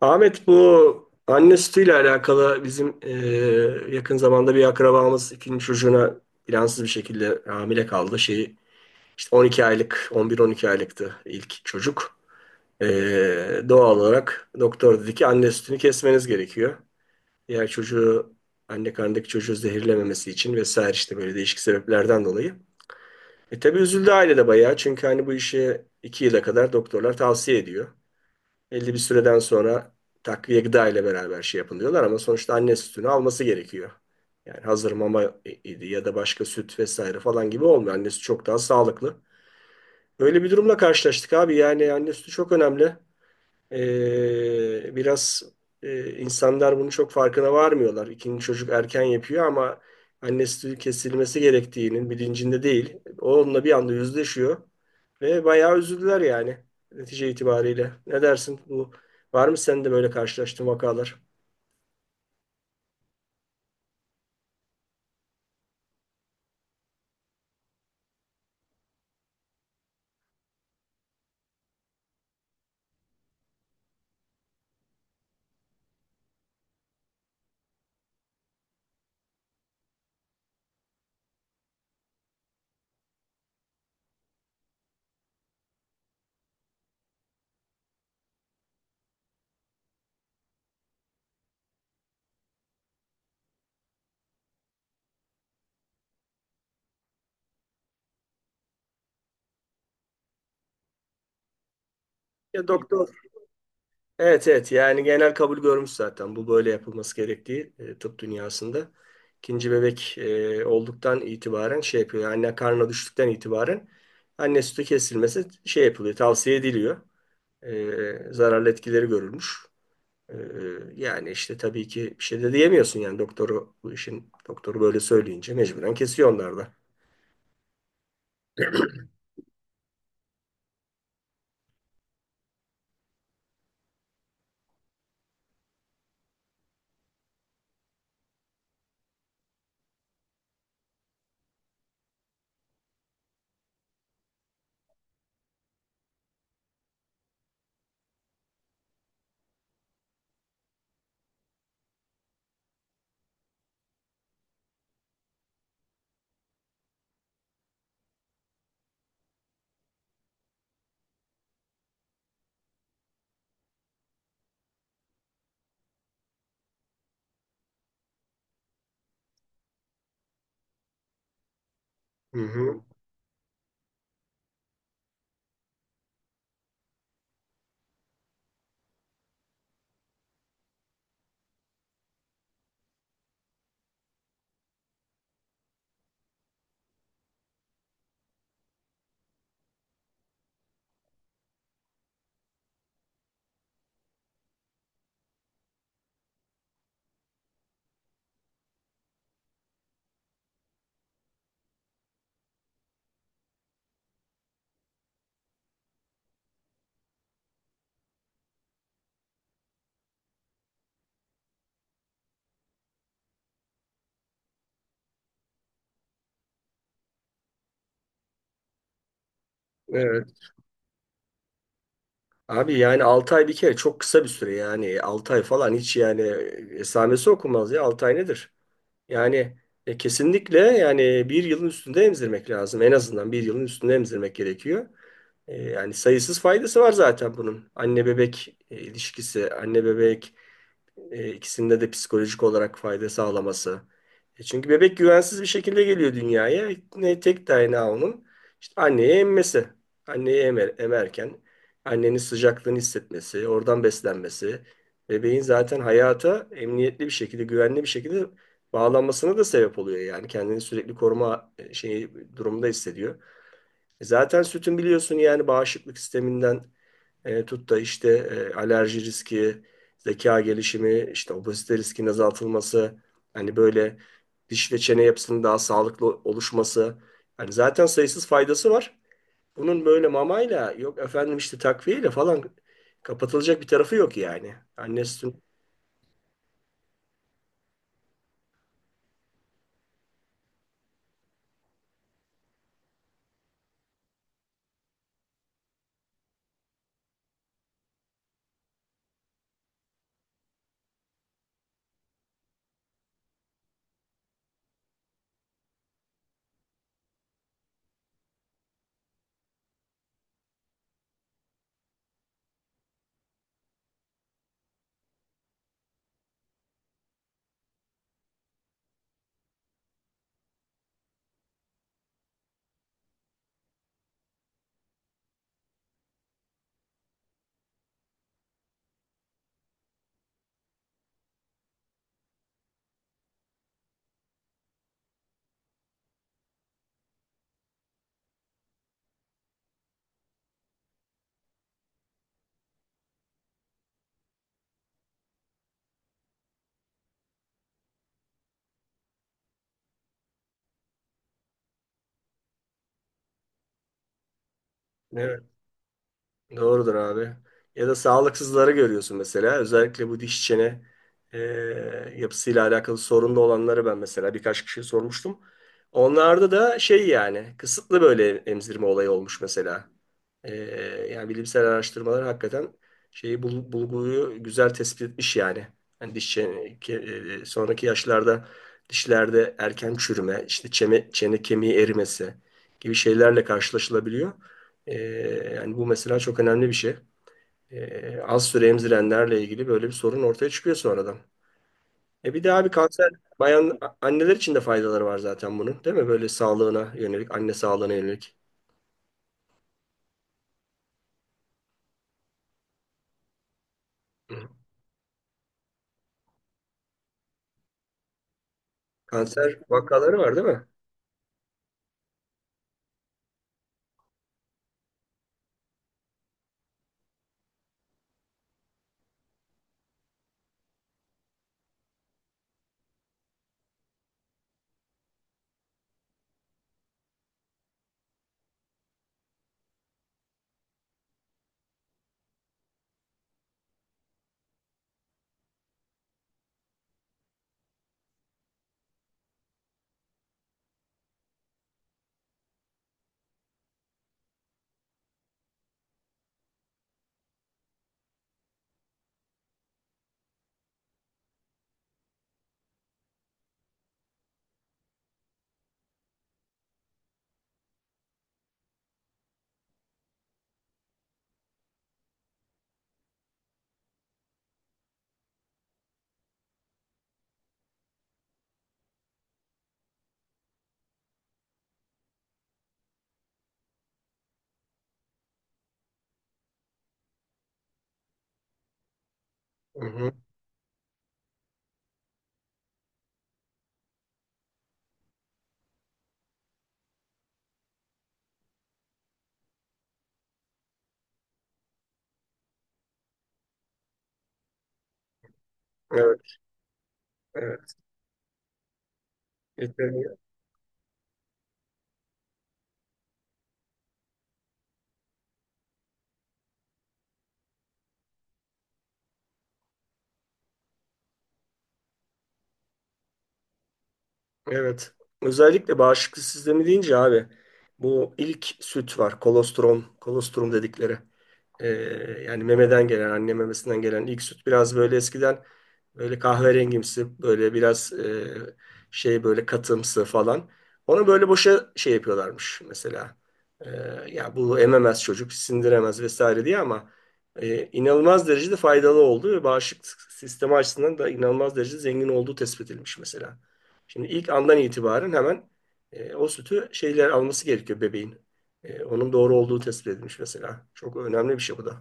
Ahmet, bu anne sütüyle alakalı bizim yakın zamanda bir akrabamız ikinci çocuğuna plansız bir şekilde hamile kaldı. Şeyi işte 12 aylık, 11-12 aylıktı ilk çocuk. E, Doğal olarak doktor dedi ki anne sütünü kesmeniz gerekiyor. Diğer çocuğu, anne karnındaki çocuğu zehirlememesi için vesaire, işte böyle değişik sebeplerden dolayı. Tabii üzüldü aile de bayağı, çünkü hani bu işi 2 yıla kadar doktorlar tavsiye ediyor. Belli bir süreden sonra takviye gıda ile beraber şey yapın diyorlar, ama sonuçta anne sütünü alması gerekiyor. Yani hazır mama idi ya da başka süt vesaire falan gibi olmuyor. Anne sütü çok daha sağlıklı. Böyle bir durumla karşılaştık abi. Yani anne sütü çok önemli. Biraz insanlar bunu çok farkına varmıyorlar. İkinci çocuk erken yapıyor ama anne sütü kesilmesi gerektiğinin bilincinde değil. Onunla bir anda yüzleşiyor ve bayağı üzüldüler yani netice itibariyle. Ne dersin? Bu var mı sende böyle karşılaştığın vakalar? Ya doktor Evet, evet, yani genel kabul görmüş zaten bu böyle yapılması gerektiği tıp dünyasında. İkinci bebek olduktan itibaren şey yapıyor. Yani anne karnına düştükten itibaren anne sütü kesilmesi şey yapılıyor, tavsiye ediliyor. Zararlı etkileri görülmüş. E, Yani işte tabii ki bir şey de diyemiyorsun, yani doktoru bu işin doktoru böyle söyleyince mecburen kesiyor onlar da. Hı hı. Evet. Abi yani 6 ay bir kere çok kısa bir süre, yani 6 ay falan hiç yani esamesi okunmaz ya, 6 ay nedir? Yani kesinlikle yani bir yılın üstünde emzirmek lazım. En azından bir yılın üstünde emzirmek gerekiyor. Yani sayısız faydası var zaten bunun. Anne bebek ilişkisi, anne bebek ikisinde de psikolojik olarak fayda sağlaması. Çünkü bebek güvensiz bir şekilde geliyor dünyaya. Ne tek dayanağı onun işte anneye emmesi. Anneyi emer, emerken annenin sıcaklığını hissetmesi, oradan beslenmesi, bebeğin zaten hayata emniyetli bir şekilde, güvenli bir şekilde bağlanmasına da sebep oluyor yani. Kendini sürekli koruma şeyi durumda hissediyor. Zaten sütün biliyorsun yani bağışıklık sisteminden tut da işte alerji riski, zeka gelişimi, işte obezite riskinin azaltılması, hani böyle diş ve çene yapısının daha sağlıklı oluşması. Hani zaten sayısız faydası var. Bunun böyle mamayla, yok efendim işte takviyeyle falan kapatılacak bir tarafı yok yani. Anne sütü Doğrudur abi. Ya da sağlıksızları görüyorsun mesela. Özellikle bu diş çene e, yapısıyla alakalı sorunlu olanları ben mesela birkaç kişiye sormuştum. Onlarda da şey yani kısıtlı böyle emzirme olayı olmuş mesela. Ee, Yani bilimsel araştırmalar hakikaten şeyi bulguyu güzel tespit etmiş yani. Hani diş sonraki yaşlarda dişlerde erken çürüme, işte çene, çene kemiği erimesi gibi şeylerle karşılaşılabiliyor. Ee, Yani bu mesela çok önemli bir şey. Az süre emzirenlerle ilgili böyle bir sorun ortaya çıkıyor sonradan. E bir de abi, kanser, bayan anneler için de faydaları var zaten bunun, değil mi? Böyle sağlığına yönelik, anne sağlığına yönelik. Hı. Kanser vakaları var, değil mi? Hı hı. Evet, evet. İşte, evet. Özellikle bağışıklık sistemi deyince abi bu ilk süt var. Kolostrum, kolostrum dedikleri. Ee, Yani memeden gelen, anne memesinden gelen ilk süt biraz böyle eskiden böyle kahverengimsi, böyle biraz şey böyle katımsı falan. Onu böyle boşa şey yapıyorlarmış mesela. Ee, Ya bu ememez çocuk, sindiremez vesaire diye, ama inanılmaz derecede faydalı olduğu ve bağışıklık sistemi açısından da inanılmaz derecede zengin olduğu tespit edilmiş mesela. Şimdi ilk andan itibaren hemen o sütü şeyler alması gerekiyor bebeğin. Onun doğru olduğu tespit edilmiş mesela. Çok önemli bir şey bu da.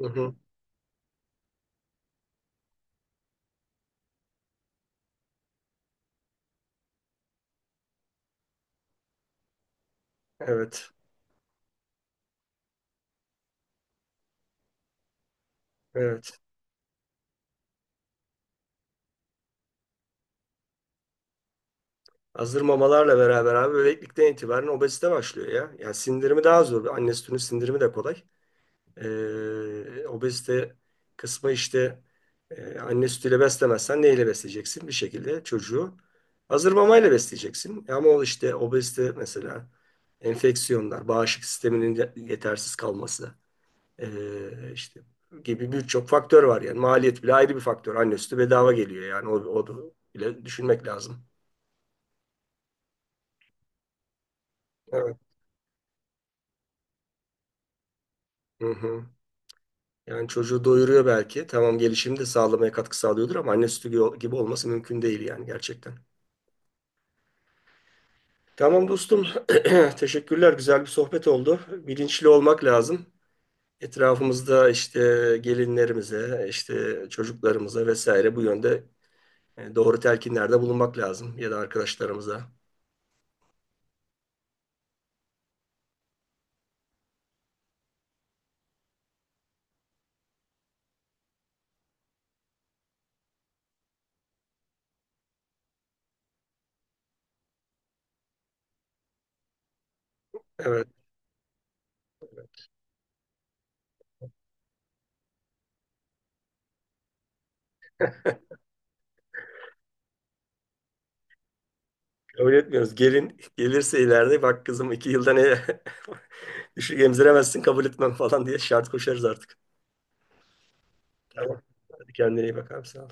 Hı hı. Evet, evet. Hazır mamalarla beraber abi bebeklikten itibaren obezite başlıyor ya. Yani sindirimi daha zor. Anne sütünün sindirimi de kolay. Obezite kısmı işte anne sütüyle beslemezsen neyle besleyeceksin? Bir şekilde çocuğu hazır mamayla besleyeceksin. Ama o işte obezite mesela, enfeksiyonlar, bağışıklık sisteminin yetersiz kalması işte gibi birçok faktör var yani. Maliyet bile ayrı bir faktör. Anne sütü bedava geliyor yani. O da bile düşünmek lazım. Evet. Hı hı. Yani çocuğu doyuruyor belki. Tamam, gelişimi de sağlamaya katkı sağlıyordur, ama anne sütü gibi gibi olması mümkün değil yani gerçekten. Tamam dostum. Teşekkürler. Güzel bir sohbet oldu. Bilinçli olmak lazım. Etrafımızda işte gelinlerimize, işte çocuklarımıza vesaire bu yönde doğru telkinlerde bulunmak lazım, ya da arkadaşlarımıza. Evet, kabul etmiyoruz. Gelin gelirse ileride bak kızım, iki yılda ne düşük emziremezsin, kabul etmem falan diye şart koşarız artık. Tamam. Hadi kendine iyi bak abi, sağ ol.